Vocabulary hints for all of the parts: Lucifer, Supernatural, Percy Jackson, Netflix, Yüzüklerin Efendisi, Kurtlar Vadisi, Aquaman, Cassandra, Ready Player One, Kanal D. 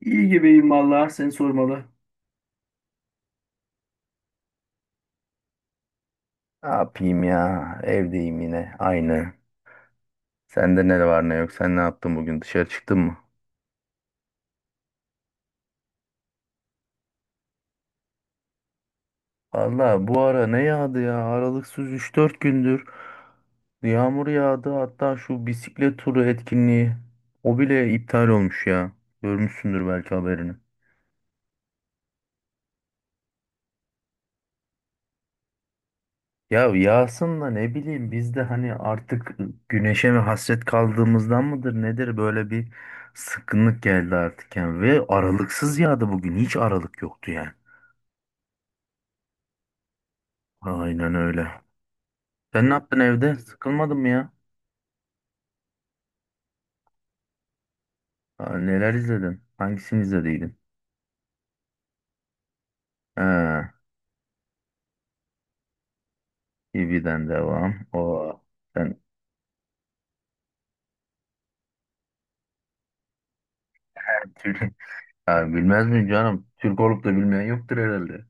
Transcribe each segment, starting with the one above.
İyi gibiyim vallahi seni sormalı. Ne yapayım ya? Evdeyim yine. Aynı. Sende ne var ne yok? Sen ne yaptın bugün? Dışarı çıktın mı? Valla bu ara ne yağdı ya? Aralıksız 3-4 gündür yağmur yağdı. Hatta şu bisiklet turu etkinliği o bile iptal olmuş ya. Görmüşsündür belki haberini. Ya yağsın da ne bileyim biz de hani artık güneşe mi hasret kaldığımızdan mıdır nedir böyle bir sıkkınlık geldi artık yani ve aralıksız yağdı, bugün hiç aralık yoktu yani. Aynen öyle. Sen ne yaptın evde? Sıkılmadın mı ya? Aa, neler izledin? Hangisini izlediydin? Ha, TV'den devam. O sen Türk. Ya bilmez miyim canım? Türk olup da bilmeyen yoktur herhalde.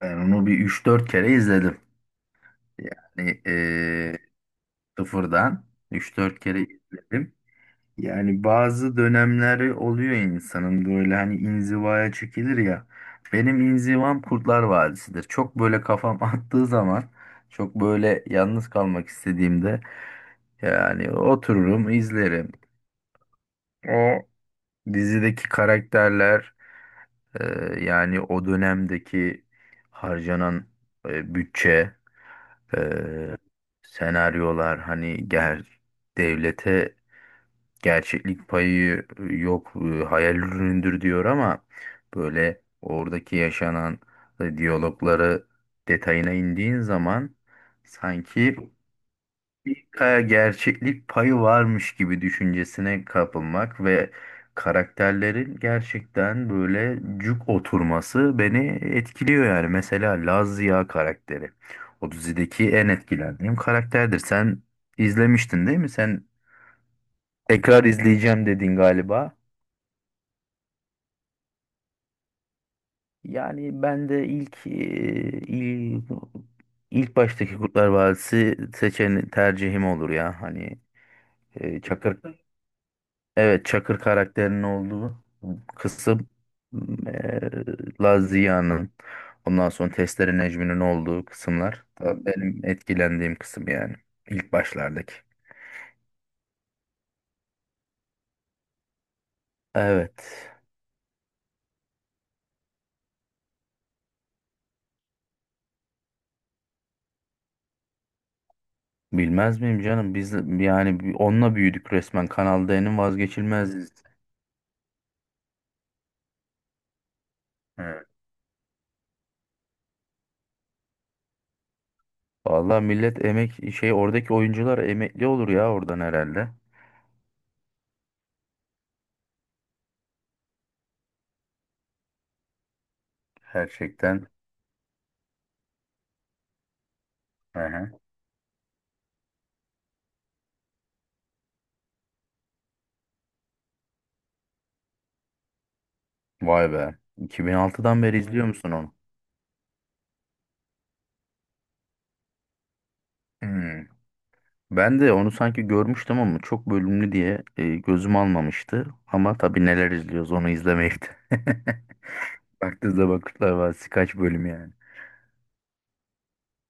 Ben onu bir 3-4 kere izledim. Yani. Sıfırdan 3-4 kere izledim. Yani bazı dönemleri oluyor insanın, böyle hani inzivaya çekilir ya. Benim inzivam Kurtlar Vadisi'dir. Çok böyle kafam attığı zaman, çok böyle yalnız kalmak istediğimde yani otururum, izlerim. O dizideki karakterler, e, yani o dönemdeki harcanan bütçe, e, senaryolar hani devlete gerçeklik payı yok, hayal ürünüdür diyor ama böyle oradaki yaşanan diyalogları detayına indiğin zaman sanki bir kaya gerçeklik payı varmış gibi düşüncesine kapılmak ve karakterlerin gerçekten böyle cuk oturması beni etkiliyor yani. Mesela Laz Ziya karakteri. O dizideki en etkilendiğim karakterdir. Sen izlemiştin değil mi? Tekrar izleyeceğim dedin galiba. Yani ben de ilk il- ilk baştaki Kurtlar Vadisi seçen tercihim olur ya. Hani Çakır, evet, Çakır karakterinin olduğu kısım, Lazia'nın, ondan sonra Testere Necmi'nin olduğu kısımlar da benim etkilendiğim kısım yani ilk başlardaki. Evet. Bilmez miyim canım? Biz yani onunla büyüdük resmen. Kanal D'nin vazgeçilmeziz. Vallahi millet emek şey, oradaki oyuncular emekli olur ya oradan herhalde. Gerçekten. Aha. Vay be. 2006'dan beri izliyor musun onu? Hmm. Ben de onu sanki görmüştüm ama çok bölümlü diye gözüm almamıştı. Ama tabii neler izliyoruz onu izlemeyip de. Baktığınızda bakışlar var. Kaç bölüm yani.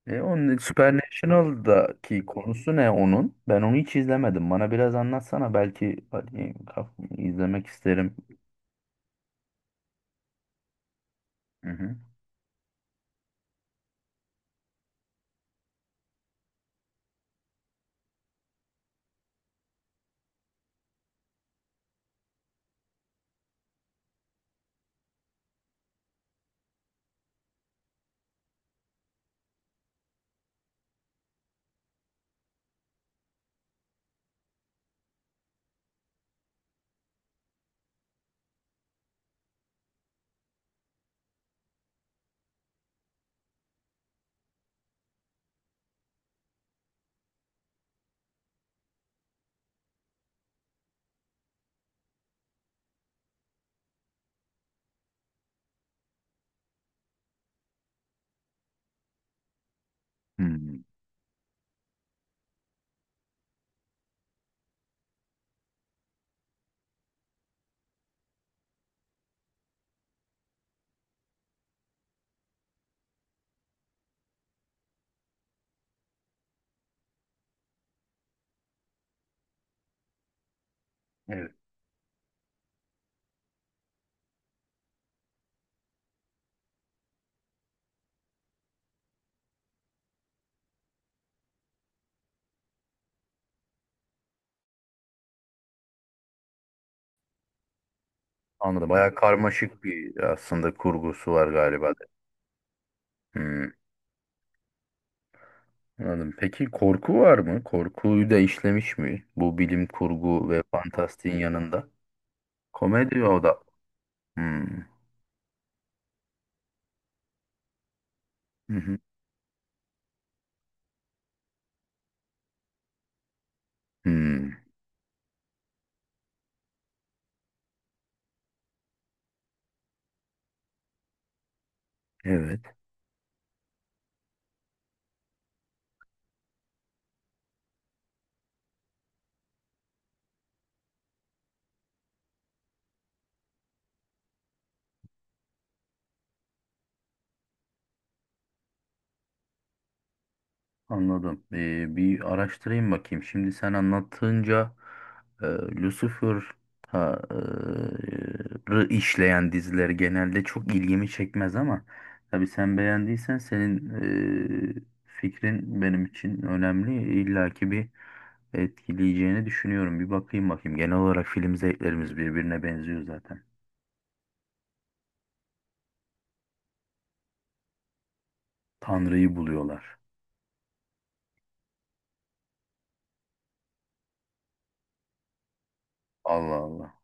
E, onun Supernatural'daki konusu ne onun? Ben onu hiç izlemedim. Bana biraz anlatsana belki hani, izlemek isterim. Hı hı. Hmm. Evet. Anladım. Bayağı karmaşık bir aslında kurgusu var galiba de. Hmm, anladım. Peki korku var mı? Korkuyu da işlemiş mi? Bu bilim kurgu ve fantastiğin yanında. Komedi o da. Hmm. Hı hı. Hmm. Evet. Anladım. Bir araştırayım bakayım. Şimdi sen anlattığınca Lucifer ha, e, işleyen diziler genelde çok ilgimi çekmez ama tabii sen beğendiysen, senin fikrin benim için önemli. İlla ki bir etkileyeceğini düşünüyorum. Bir bakayım bakayım. Genel olarak film zevklerimiz birbirine benziyor zaten. Tanrı'yı buluyorlar. Allah Allah.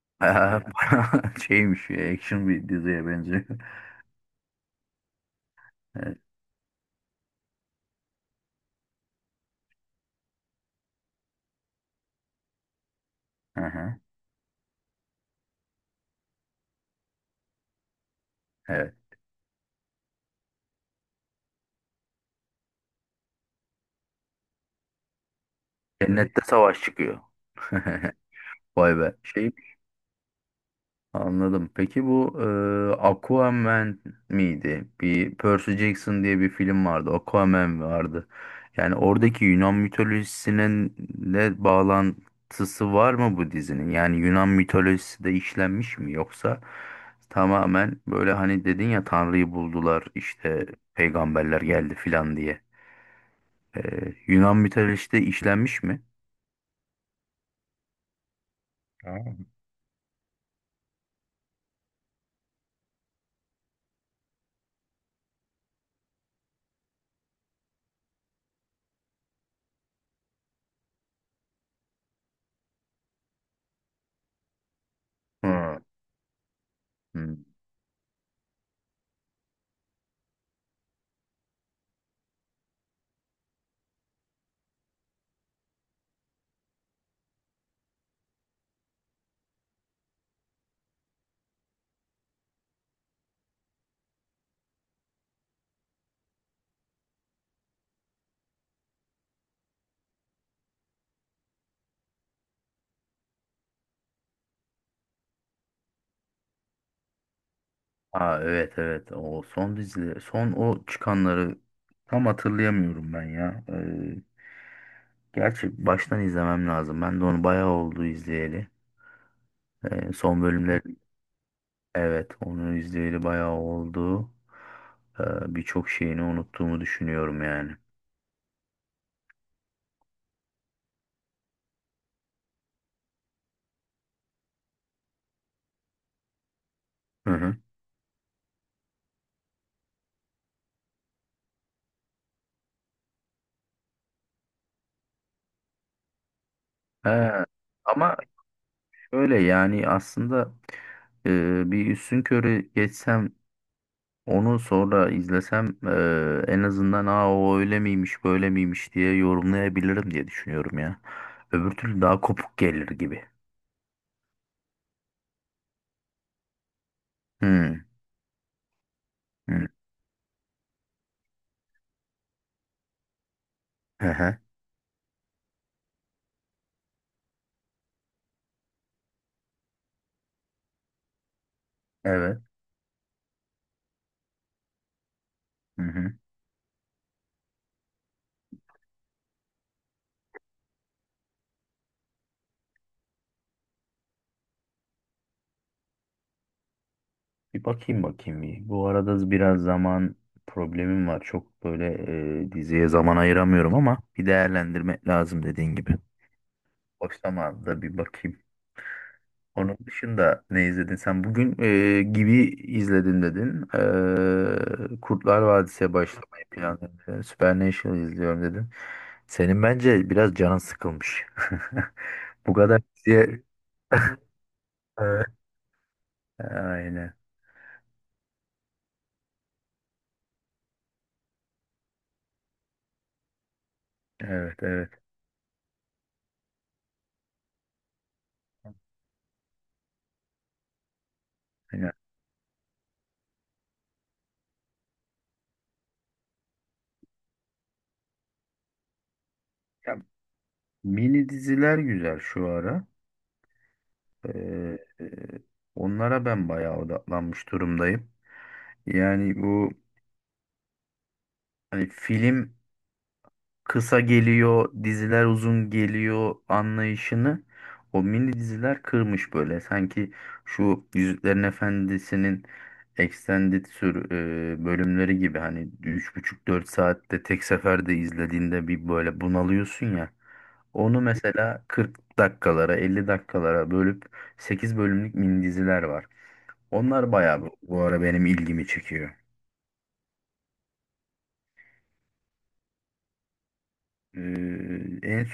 Bayağı şeymiş, action bir diziye benziyor. Evet. Aha. Evet. Cennette savaş çıkıyor. Vay be. Şey, anladım. Peki bu Aquaman miydi? Bir Percy Jackson diye bir film vardı. Aquaman vardı. Yani oradaki Yunan mitolojisinin de bağlantısı var mı bu dizinin? Yani Yunan mitolojisi de işlenmiş mi yoksa tamamen böyle hani dedin ya Tanrı'yı buldular işte peygamberler geldi filan diye. E, Yunan mitolojisi de işlenmiş mi? Tamam. Hı. Hı. Aa, evet evet, o son dizileri, son o çıkanları tam hatırlayamıyorum ben ya. Gerçi baştan izlemem lazım. Ben de onu bayağı oldu izleyeli. Son bölümler, evet onu izleyeli bayağı oldu. Birçok şeyini unuttuğumu düşünüyorum yani. Hı hı. He, ama şöyle yani aslında bir üstün körü geçsem onu sonra izlesem en azından aa o öyle miymiş böyle miymiş diye yorumlayabilirim diye düşünüyorum ya. Öbür türlü daha kopuk gelir gibi. Hmm. Hmm. Hı hı. Evet. Hı hı. Bir bakayım bakayım bir. Bu arada biraz zaman problemim var. Çok böyle diziye zaman ayıramıyorum ama bir değerlendirmek lazım dediğin gibi. Boş zamanında bir bakayım. Onun dışında ne izledin sen? Bugün gibi izledin dedin. E, Kurtlar Vadisi'ye başlamayı planladın. Supernatural'ı izliyorum dedin. Senin bence biraz canın sıkılmış. Bu kadar diye. Evet. Aynen. Evet, evet. Aynen. Ya, mini diziler güzel şu ara. E, e, onlara ben bayağı odaklanmış durumdayım. Yani bu hani film kısa geliyor, diziler uzun geliyor anlayışını o mini diziler kırmış böyle. Sanki şu Yüzüklerin Efendisi'nin extended sür bölümleri gibi hani üç buçuk dört saatte tek seferde izlediğinde bir böyle bunalıyorsun ya. Onu mesela 40 dakikalara, 50 dakikalara bölüp 8 bölümlük mini diziler var. Onlar bayağı bu bu ara benim ilgimi çekiyor. Ee, en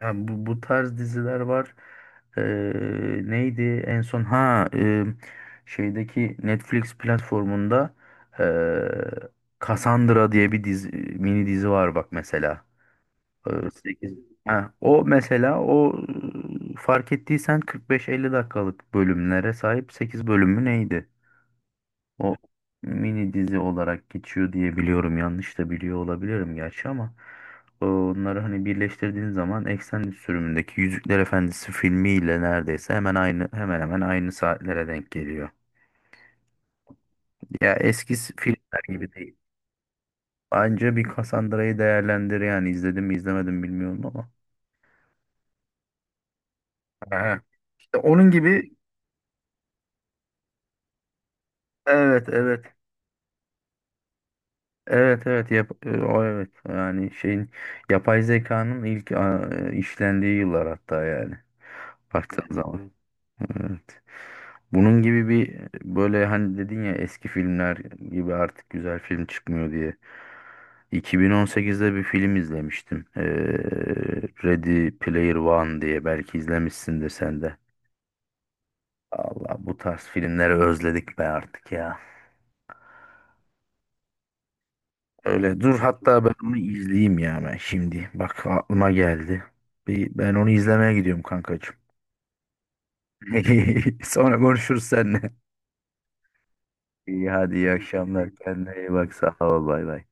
Yani bu, bu tarz diziler var. Ee, neydi en son? Ha, şeydeki Netflix platformunda Cassandra diye bir dizi, mini dizi var bak mesela. Ee, sekiz- Ha, o mesela o fark ettiysen 45-50 dakikalık bölümlere sahip 8 bölümü neydi? O mini dizi olarak geçiyor diye biliyorum. Yanlış da biliyor olabilirim gerçi ama onları hani birleştirdiğin zaman extended sürümündeki Yüzükler Efendisi filmiyle neredeyse hemen aynı, hemen hemen aynı saatlere denk geliyor. Ya eski filmler gibi değil. Bence bir Cassandra'yı değerlendir yani, izledim mi izlemedim bilmiyorum ama. Aha. İşte onun gibi, evet evet. Evet evet, o evet yani şeyin, yapay zekanın ilk işlendiği yıllar hatta yani, baktığın, Evet, zaman. Evet. Bunun gibi bir, böyle hani dedin ya eski filmler gibi artık güzel film çıkmıyor diye. 2018'de bir film izlemiştim. Ready Player One diye, belki izlemişsindir sen de. Allah, bu tarz filmleri özledik be artık ya. Öyle dur, hatta ben onu izleyeyim ya ben şimdi. Bak, aklıma geldi. Bir, ben onu izlemeye gidiyorum kankacığım. Sonra konuşuruz seninle. İyi, hadi iyi akşamlar. Kendine iyi bak. Sağ ol. Bay bay.